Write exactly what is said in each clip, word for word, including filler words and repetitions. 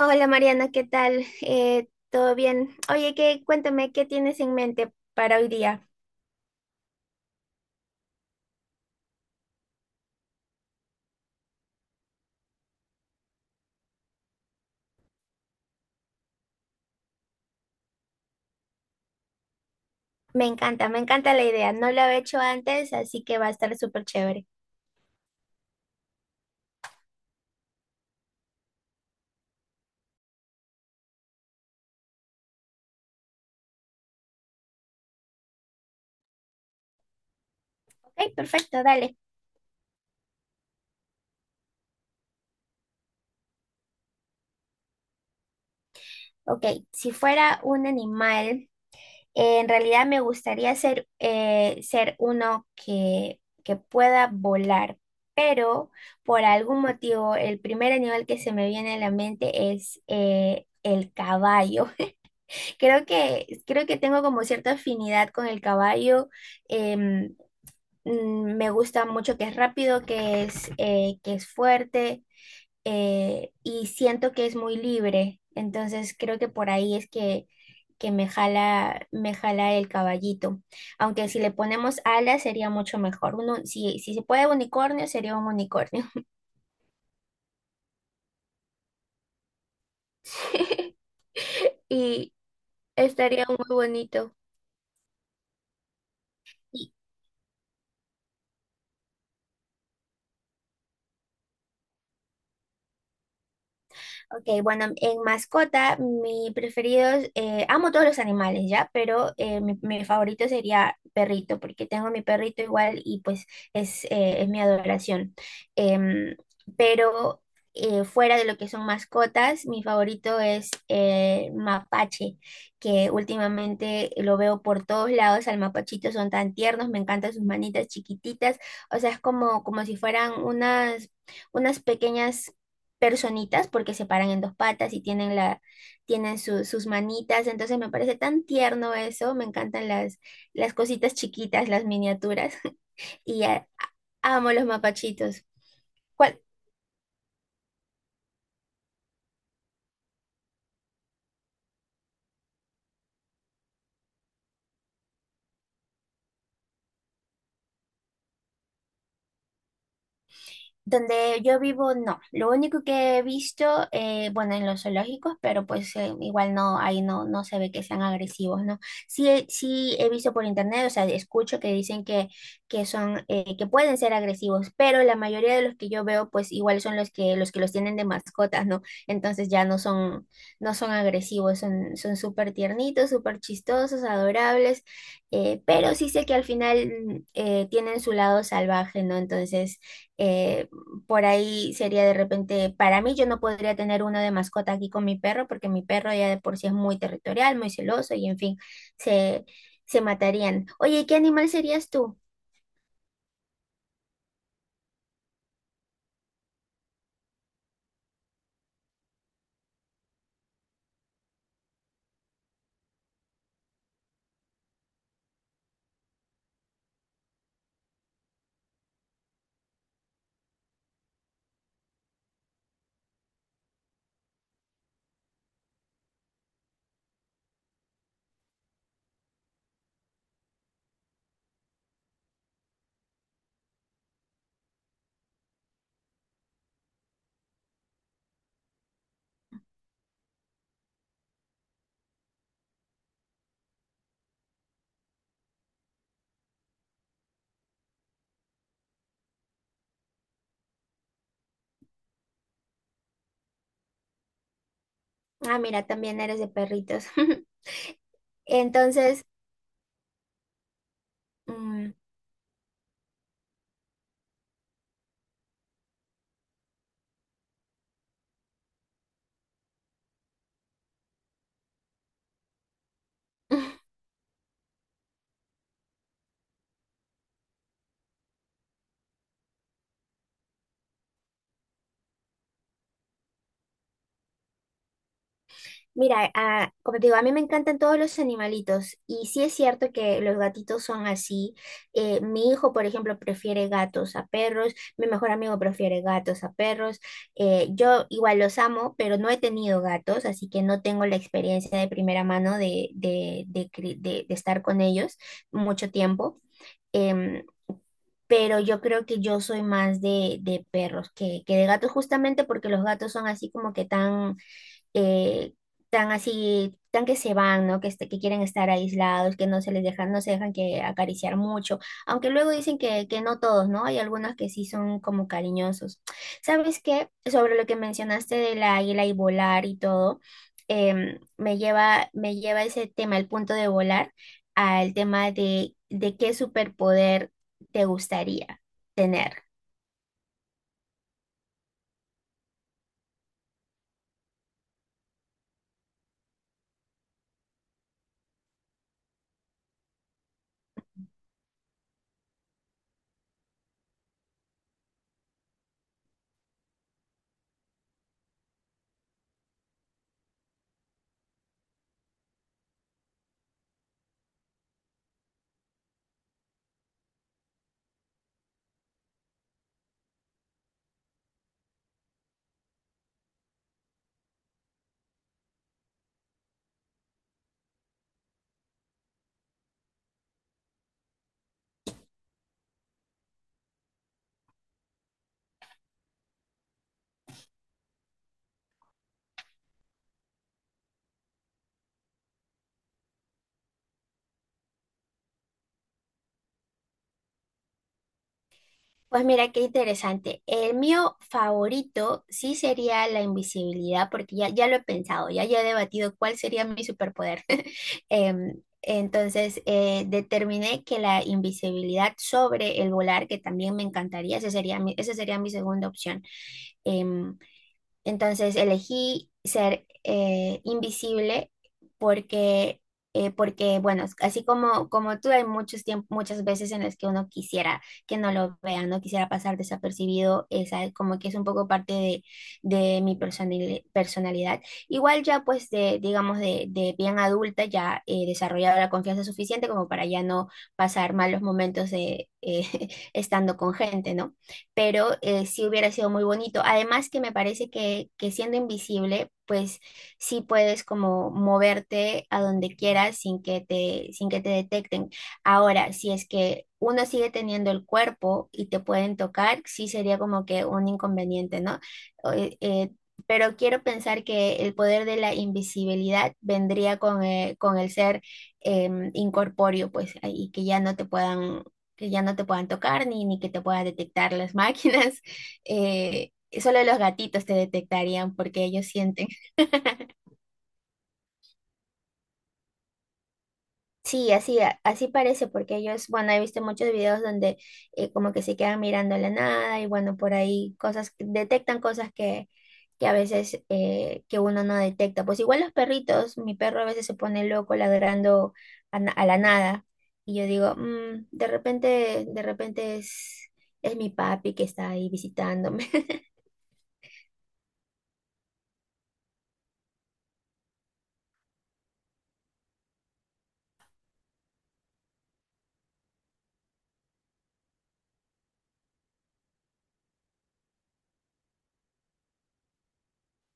Hola Mariana, ¿qué tal? Eh, ¿todo bien? Oye, que cuéntame qué tienes en mente para hoy día. Me encanta, me encanta la idea. No lo he hecho antes, así que va a estar súper chévere. Ok, perfecto, dale. Ok, si fuera un animal, eh, en realidad me gustaría ser, eh, ser uno que, que pueda volar, pero por algún motivo el primer animal que se me viene a la mente es eh, el caballo. Creo que, creo que tengo como cierta afinidad con el caballo. em, mm, Me gusta mucho que es rápido, que es, eh, que es fuerte eh, y siento que es muy libre. Entonces creo que por ahí es que, que me jala, me jala el caballito. Aunque si le ponemos alas sería mucho mejor. Uno, si, si se puede unicornio, sería un unicornio. Y estaría muy bonito. Ok, bueno, en mascota, mi preferido, es, eh, amo todos los animales, ¿ya? Pero eh, mi, mi favorito sería perrito, porque tengo a mi perrito igual y pues es, eh, es mi adoración. Em, pero eh, fuera de lo que son mascotas, mi favorito es eh, mapache, que últimamente lo veo por todos lados, al mapachito son tan tiernos, me encantan sus manitas chiquititas, o sea, es como, como si fueran unas unas pequeñas personitas porque se paran en dos patas y tienen la, tienen su- sus manitas, entonces me parece tan tierno eso, me encantan las, las cositas chiquitas, las miniaturas y a- amo los mapachitos. ¿Cuál, Donde yo vivo, no. Lo único que he visto, eh, bueno, en los zoológicos, pero pues eh, igual no, ahí no, no se ve que sean agresivos, ¿no? Sí, he- sí he visto por internet, o sea, escucho que dicen que, que son, eh, que pueden ser agresivos, pero la mayoría de los que yo veo, pues igual son los que, los que los tienen de mascotas, ¿no? Entonces ya no son, no son agresivos, son, son súper tiernitos, súper chistosos, adorables, eh, pero sí sé que al final mm, eh, tienen su lado salvaje, ¿no? Entonces eh, por ahí sería de repente, para mí yo no podría tener uno de mascota aquí con mi perro porque mi perro ya de por sí es muy territorial, muy celoso y en fin, se, se matarían. Oye, ¿y ¿qué animal serías tú? Ah, mira, también eres de perritos. Entonces, mm, Mira, ah, como te digo, a mí me encantan todos los animalitos y sí es cierto que los gatitos son así. Eh, mi hijo, por ejemplo, prefiere gatos a perros, mi mejor amigo prefiere gatos a perros. Eh, yo igual los amo, pero no he tenido gatos, así que no tengo la experiencia de primera mano de, de, de cri- de- de estar con ellos mucho tiempo. Em, pero yo creo que yo soy más de, de perros que, que de gatos, justamente porque los gatos son así como que tan eh, tan así, tan que se van, ¿no? Que, este- que quieren estar aislados, que no se les dejan, no se dejan que acariciar mucho, aunque luego dicen que, que no todos, ¿no? Hay algunos que sí son como cariñosos. ¿Sabes qué? Sobre lo que mencionaste de la águila y volar y todo, em, me lleva, me lleva ese tema, el punto de volar, al tema de, de qué superpoder te gustaría tener. Pues mira qué interesante. El mío favorito sí sería la invisibilidad, porque ya, ya lo he pensado, ya, ya he debatido cuál sería mi superpoder. Em, entonces, eh, determiné que la invisibilidad sobre el volar, que también me encantaría, ese sería mi- esa sería mi segunda opción. Em, entonces elegí ser eh, invisible porque, eh, porque, bueno, así como, como tú, hay muchos tiemp- muchas veces en las que uno quisiera que no lo vean, no quisiera pasar desapercibido, esa como que es un poco parte de, de mi personali- personalidad. Igual ya pues de, digamos, de, de bien adulta, ya he desarrollado la confianza suficiente como para ya no pasar malos momentos de, eh, estando con gente, ¿no? Pero eh, sí hubiera sido muy bonito. Además que me parece que, que siendo invisible, pues sí puedes como moverte a donde quieras sin que te, sin que te detecten. Ahora, si es que uno sigue teniendo el cuerpo y te pueden tocar, sí sería como que un inconveniente, ¿no? Eh, eh, pero quiero pensar que el poder de la invisibilidad vendría con, eh, con el ser em, incorpóreo, pues, y que ya no te puedan que ya no te puedan tocar ni, ni que te puedan detectar las máquinas. Eh, solo los gatitos te detectarían porque ellos sienten. Sí, así, a- así parece, porque ellos, bueno, he visto muchos videos donde eh, como que se quedan mirando a la nada y bueno, por ahí cosas, detectan cosas que, que a veces eh, que uno no detecta. Pues igual los perritos, mi perro a veces se pone loco ladrando a, na- a la nada y yo digo, "Mm, de repente, de repente es, es mi papi que está ahí visitándome."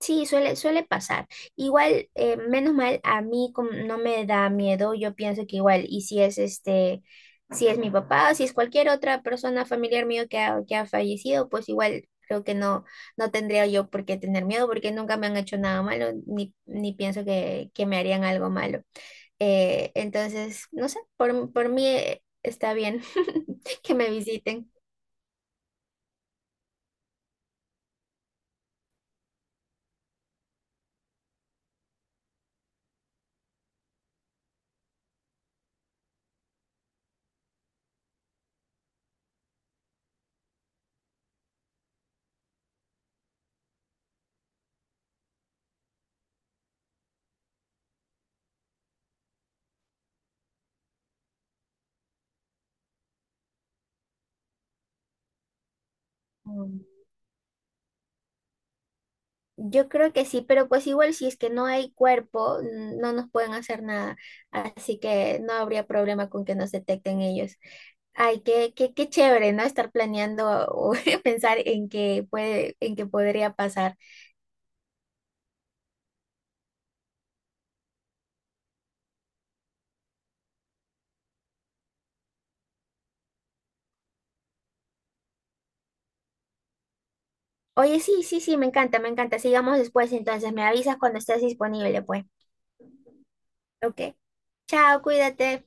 Sí, suele, suele pasar. Igual, eh, menos mal, a mí como no me da miedo. Yo pienso que igual, y si es este, si es mi papá, si es cualquier otra persona familiar mío que ha, que ha fallecido, pues igual creo que no, no tendría yo por qué tener miedo, porque nunca me han hecho nada malo, ni, ni pienso que, que me harían algo malo. Eh, entonces, no sé, por, por mí eh, está bien que me visiten. Yo creo que sí, pero pues igual si es que no hay cuerpo, n- no nos pueden hacer nada, así que no habría problema con que nos detecten ellos. Ay, qué, qué, qué chévere, ¿no? Estar planeando o pensar en qué puede, en qué podría pasar. Oye, sí, sí, sí, me encanta, me encanta. Sigamos después, entonces me avisas cuando estés disponible, pues. Ok. Chao, cuídate.